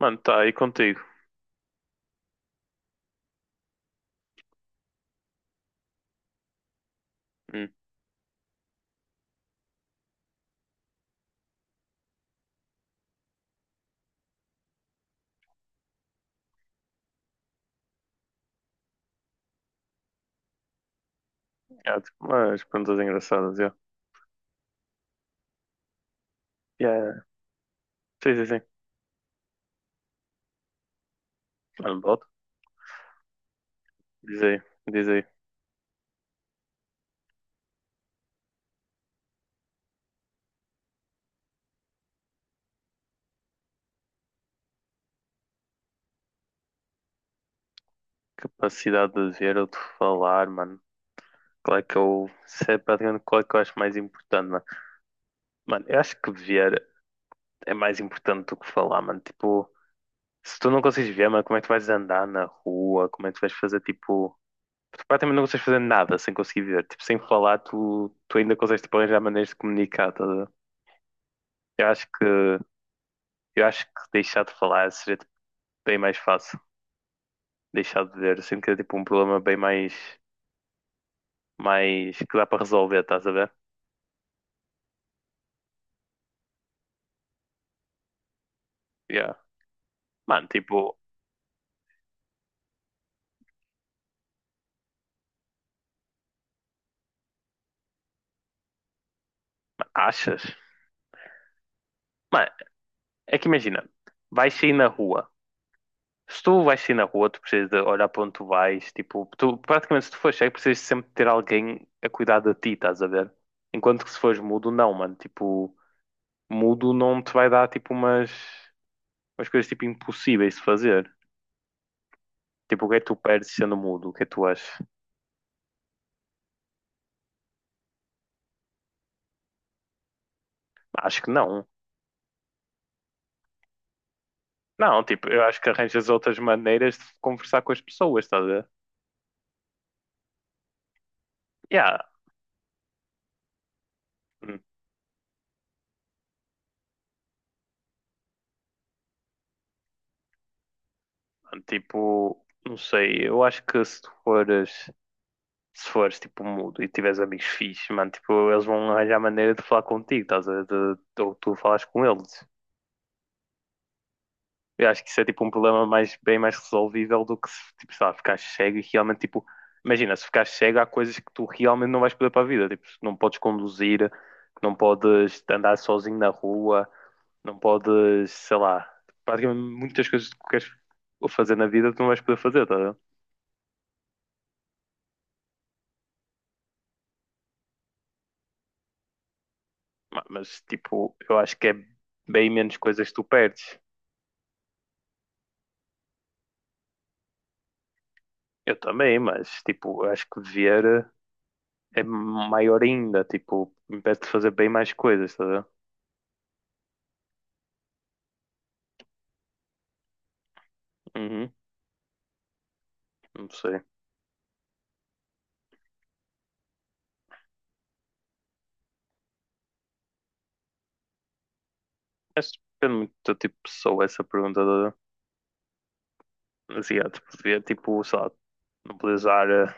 Mano, tá aí contigo. Hum. Ah, tipo, umas perguntas engraçadas, já. Yeah. Sim, sim, sim. Mano, bota. Diz aí, diz aí. Capacidade de ver ou de falar, mano. Qual é que eu. Isso é praticamente qual é que eu acho mais importante, mano. Mano, eu acho que ver é mais importante do que falar, mano. Tipo, se tu não consegues ver, mano, como é que tu vais andar na rua? Como é que tu vais fazer, tipo. Tu praticamente não consegues fazer nada sem conseguir ver. Tipo, sem falar, tu ainda consegues, tipo, arranjar maneiras de comunicar, tá a ver? Eu acho que. Eu acho que deixar de falar seria bem mais fácil deixar de ver. Sinto que é tipo um problema bem mais, mais que dá para resolver, estás a ver? Yeah. Mano, tipo, achas? Mano, é que imagina, vais sair na rua. Se tu vais sair na rua, tu precisas de olhar para onde tu vais. Tipo, tu, praticamente se tu fores cego, precisas sempre ter alguém a cuidar de ti, estás a ver? Enquanto que se fores mudo, não, mano. Tipo, mudo não te vai dar tipo umas, umas coisas tipo impossíveis de fazer. Tipo, o que é que tu perdes sendo mudo? O que é que tu achas? Acho que não. Não, tipo, eu acho que arranjas outras maneiras de conversar com as pessoas, estás a ver? Yeah. Hum. Tipo, não sei, eu acho que se tu fores, se fores tipo mudo e tiveres amigos fixes, mano, tipo, eles vão arranjar maneira de falar contigo, estás a ver? De- ou tu falas com eles. Eu acho que isso é tipo um problema mais, bem mais resolvível do que se, tipo, sei lá, ficar cego e realmente tipo. Imagina, se ficares cego, há coisas que tu realmente não vais poder para a vida. Tipo, não podes conduzir, não podes andar sozinho na rua, não podes, sei lá, praticamente muitas coisas que tu queres fazer na vida tu não vais poder fazer, tá a ver? Ma- Mas tipo, eu acho que é bem menos coisas que tu perdes. Eu também, mas tipo, eu acho que ver é maior ainda, tipo, impede de fazer bem mais coisas, tá a ver? Uhum. Não sei. Acho que depende muito do tipo de pessoa essa pergunta do asiático. Devia, tipo, sei lá, não podes usar,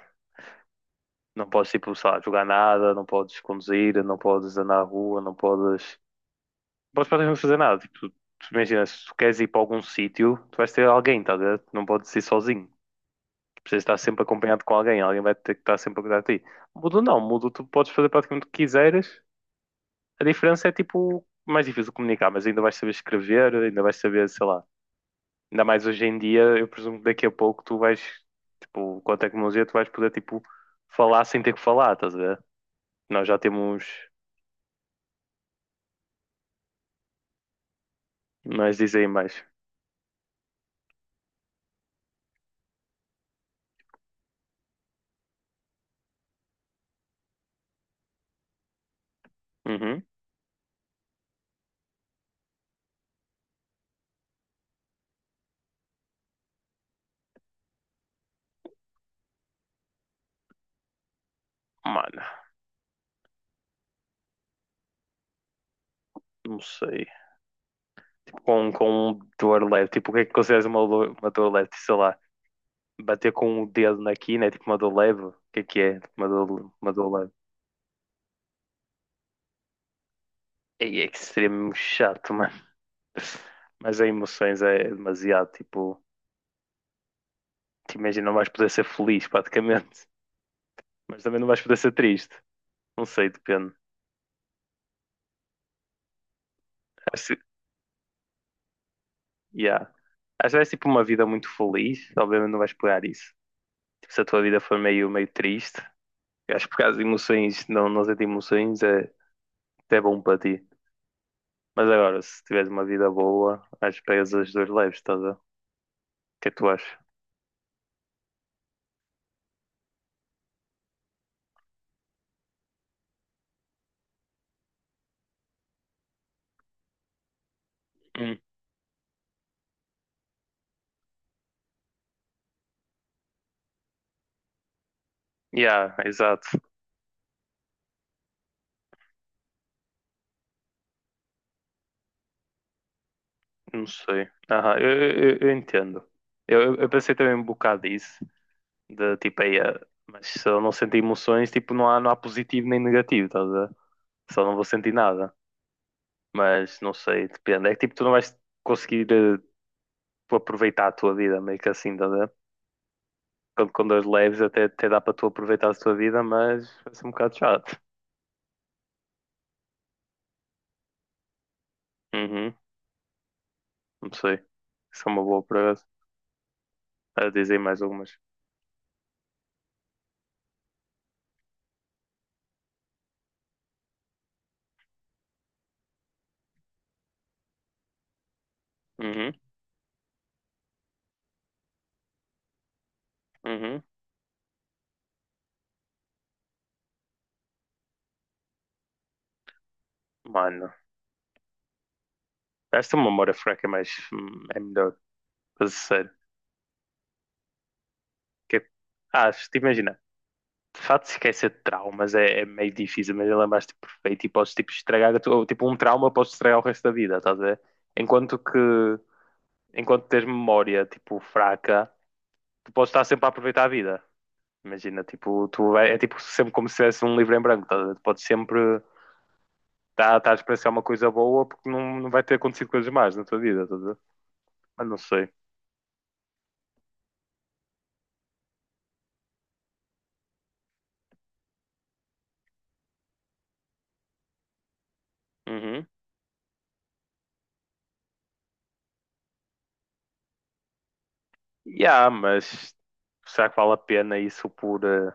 não podes, tipo, sei lá, jogar nada, não podes conduzir, não podes andar na rua, não podes. Não podes praticamente fazer nada. Tipo, tu imagina, se tu queres ir para algum sítio, tu vais ter alguém, estás a ver? Tu não podes ir sozinho. Tu precisas estar sempre acompanhado com alguém, alguém vai ter que estar sempre a cuidar de ti. Mudo não, mudo tu podes fazer praticamente o que quiseres. A diferença é tipo mais difícil de comunicar, mas ainda vais saber escrever, ainda vais saber, sei lá, ainda mais hoje em dia, eu presumo que daqui a pouco tu vais, tipo, com a tecnologia tu vais poder, tipo, falar sem ter que falar, estás a ver? Nós já temos, nós dizem mais. Uhum. Mano, não sei. Tipo, com um dor leve, tipo, o que é que consideras uma dor leve? Sei lá, bater com o dedo na quina é tipo uma dor leve? O que é que é? Tipo, uma dor, uma dor leve. Ei, é extremamente chato, mano. Mas as emoções é demasiado, tipo, te imagina, não vais poder ser feliz praticamente, mas também não vais poder ser triste. Não sei, depende. Acho, yeah. Acho que vais tipo uma vida muito feliz, obviamente não vais pegar isso. Tipo, se a tua vida for meio, meio triste, eu acho que por causa de emoções, não, não sentir emoções é até bom para ti. Mas agora, se tiveres uma vida boa, acho que pegas as duas leves, estás a ver? O que é que tu achas? Hum. Yeah, exato. Não sei. Aham, eu entendo. Eu pensei também um bocado disso, de tipo, aí, mas se eu não sentir emoções, tipo, não há positivo nem negativo, estás a ver? Só não vou sentir nada. Mas não sei, depende. É que tipo, tu não vais conseguir tu aproveitar a tua vida, meio que assim, tá a ver? Quando as leves até, até dá para tu aproveitar a tua vida, mas vai ser um bocado chato. Uhum, não sei. Isso é uma boa para a dizer mais algumas. Uhum, uhum. Mano, esta memória fraca é mais, é melhor, para ser sério. Que é- Ah, se te imaginar. De facto se esquecer de traumas é, é meio difícil, mas lembraste perfeito e podes tipo, estragar, a tua- ou, tipo, um trauma podes estragar o resto da vida, estás a ver? Enquanto que, enquanto tens memória, tipo, fraca, tu podes estar sempre a aproveitar a vida. Imagina, tipo, tu é, é, tipo sempre como se tivesse um livro em branco, estás a ver? Tu podes sempre estar a experienciar uma coisa boa porque não, não vai ter acontecido coisas más na tua vida, estás a ver? Mas não sei. Uhum. Yeah, mas será que vale a pena isso por.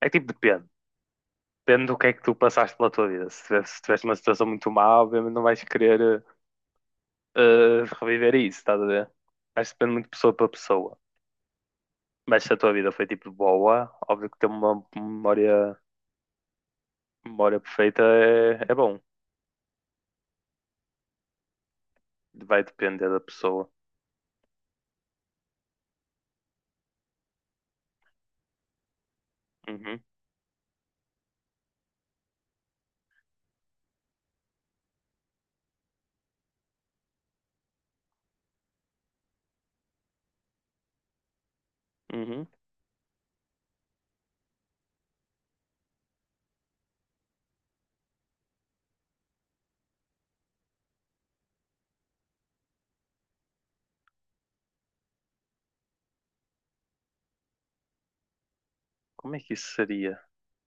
É que tipo depende. Depende do que é que tu passaste pela tua vida. Se tivesse, se tiveste uma situação muito má, obviamente não vais querer reviver isso, estás a ver? Acho que depende muito de pessoa para pessoa. Mas se a tua vida foi tipo boa, óbvio que ter uma memória, memória perfeita é, é bom. Vai depender da pessoa. Uhum, uhum. Como é que isso seria?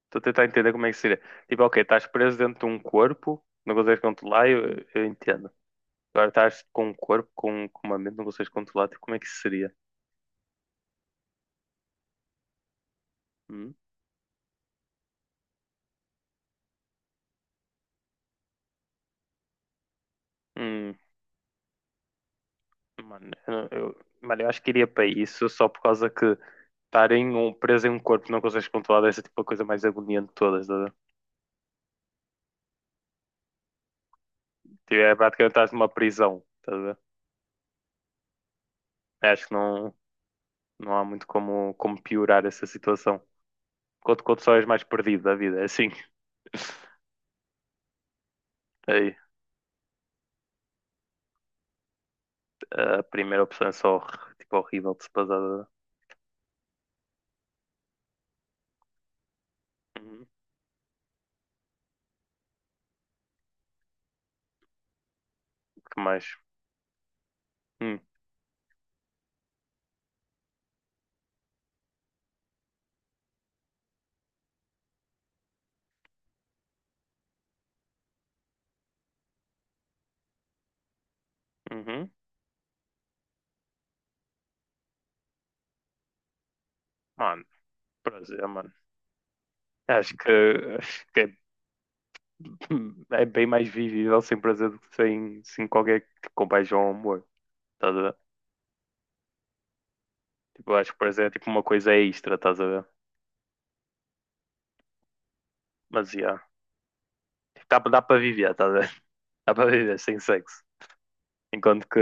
Estou a tentar entender como é que seria. Tipo, ok, estás preso dentro de um corpo, não consegues controlar, eu entendo. Agora estás com um corpo, com uma mente, não consegues controlar, tipo, como é que isso seria? Hum? Hum. Mano, eu, não- eu- mano, eu acho que iria para isso só por causa que estar em um, preso em um corpo que não consegues controlar deve ser tipo a coisa mais agoniante de todas, tá a ver? Tipo, é praticamente estás numa prisão, tá a ver? Eu acho que não, não há muito como, como piorar essa situação. Quanto só és mais perdido da vida, é assim. Aí, a primeira opção é só tipo, horrível de se passar. Tá a ver? Uhum. Que mais? Hum, uhum. Mano, prazer, mano. Acho que, acho que é é bem mais vivível sem prazer do que sem, sem qualquer compaixão ou amor. Estás a ver? Tipo, eu acho que prazer é tipo uma coisa extra, estás a ver? Mas yeah. Tipo, dá para viver, estás a ver? Dá para viver sem sexo. Enquanto que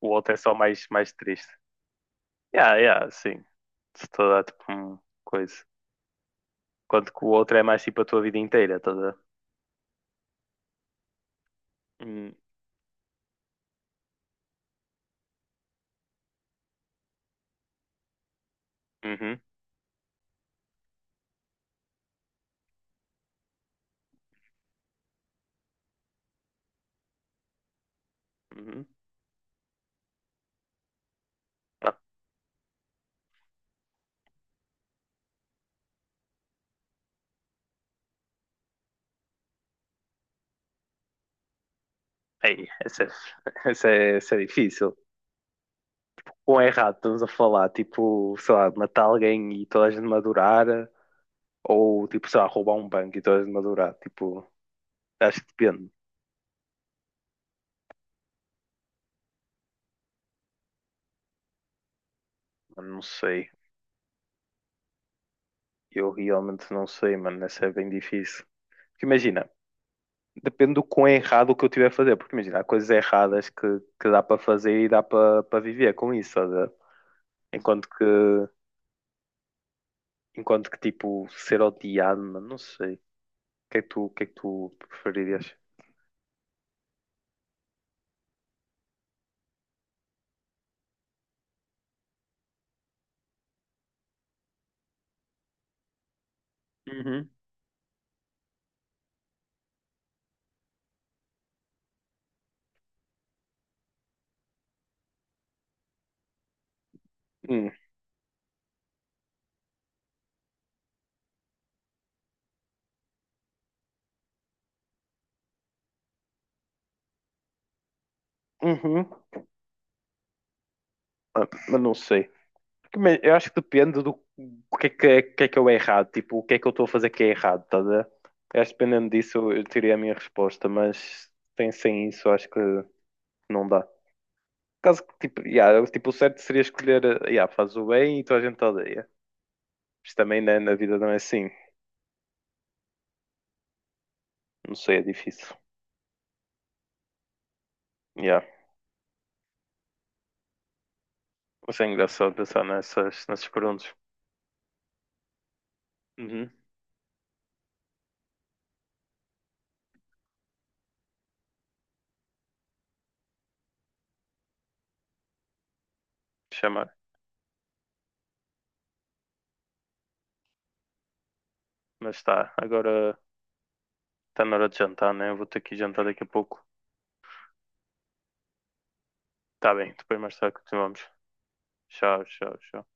o outro é só mais, mais triste. Yeah, yeah, sim. Se te dá tipo uma coisa. Enquanto que o outro é mais tipo a tua vida inteira, estás a ver? Hum, Uhum, uhum. Ah, ei, essa, é- essa é difícil. Quão errado estamos a falar, tipo, sei lá, matar alguém e toda a gente madurar, ou tipo, sei lá, roubar um banco e toda a gente madurar, tipo, acho que depende, mano, não sei, eu realmente não sei, mano, essa é bem difícil. Porque imagina, depende do quão errado o que eu tiver a fazer, porque imagina, há coisas erradas que dá para fazer e dá para para viver com isso, estás a ver? enquanto que, enquanto que tipo, ser odiado, mano, não sei, o que é que tu preferirias? Uhum. Hum. Uhum. Ah, mas não sei. Mas eu acho que depende do o que é que, é- que é que eu é errado, tipo, o que é que eu estou a fazer que é errado, estás a ver? Eu acho que dependendo disso eu teria a minha resposta, mas sem, sem isso eu acho que não dá. Caso que, tipo, yeah, tipo, o certo seria escolher, yeah, faz o bem e toda a gente te odeia. Mas também na, na vida não é assim, não sei, é difícil. Yeah. Mas é engraçado pensar nessas, nessas perguntas. Uhum, chamar. Mas está, agora está na hora de jantar, né? Eu vou ter que ir jantar daqui a pouco. Tá bem, depois mais tarde continuamos. Tchau, tchau, tchau.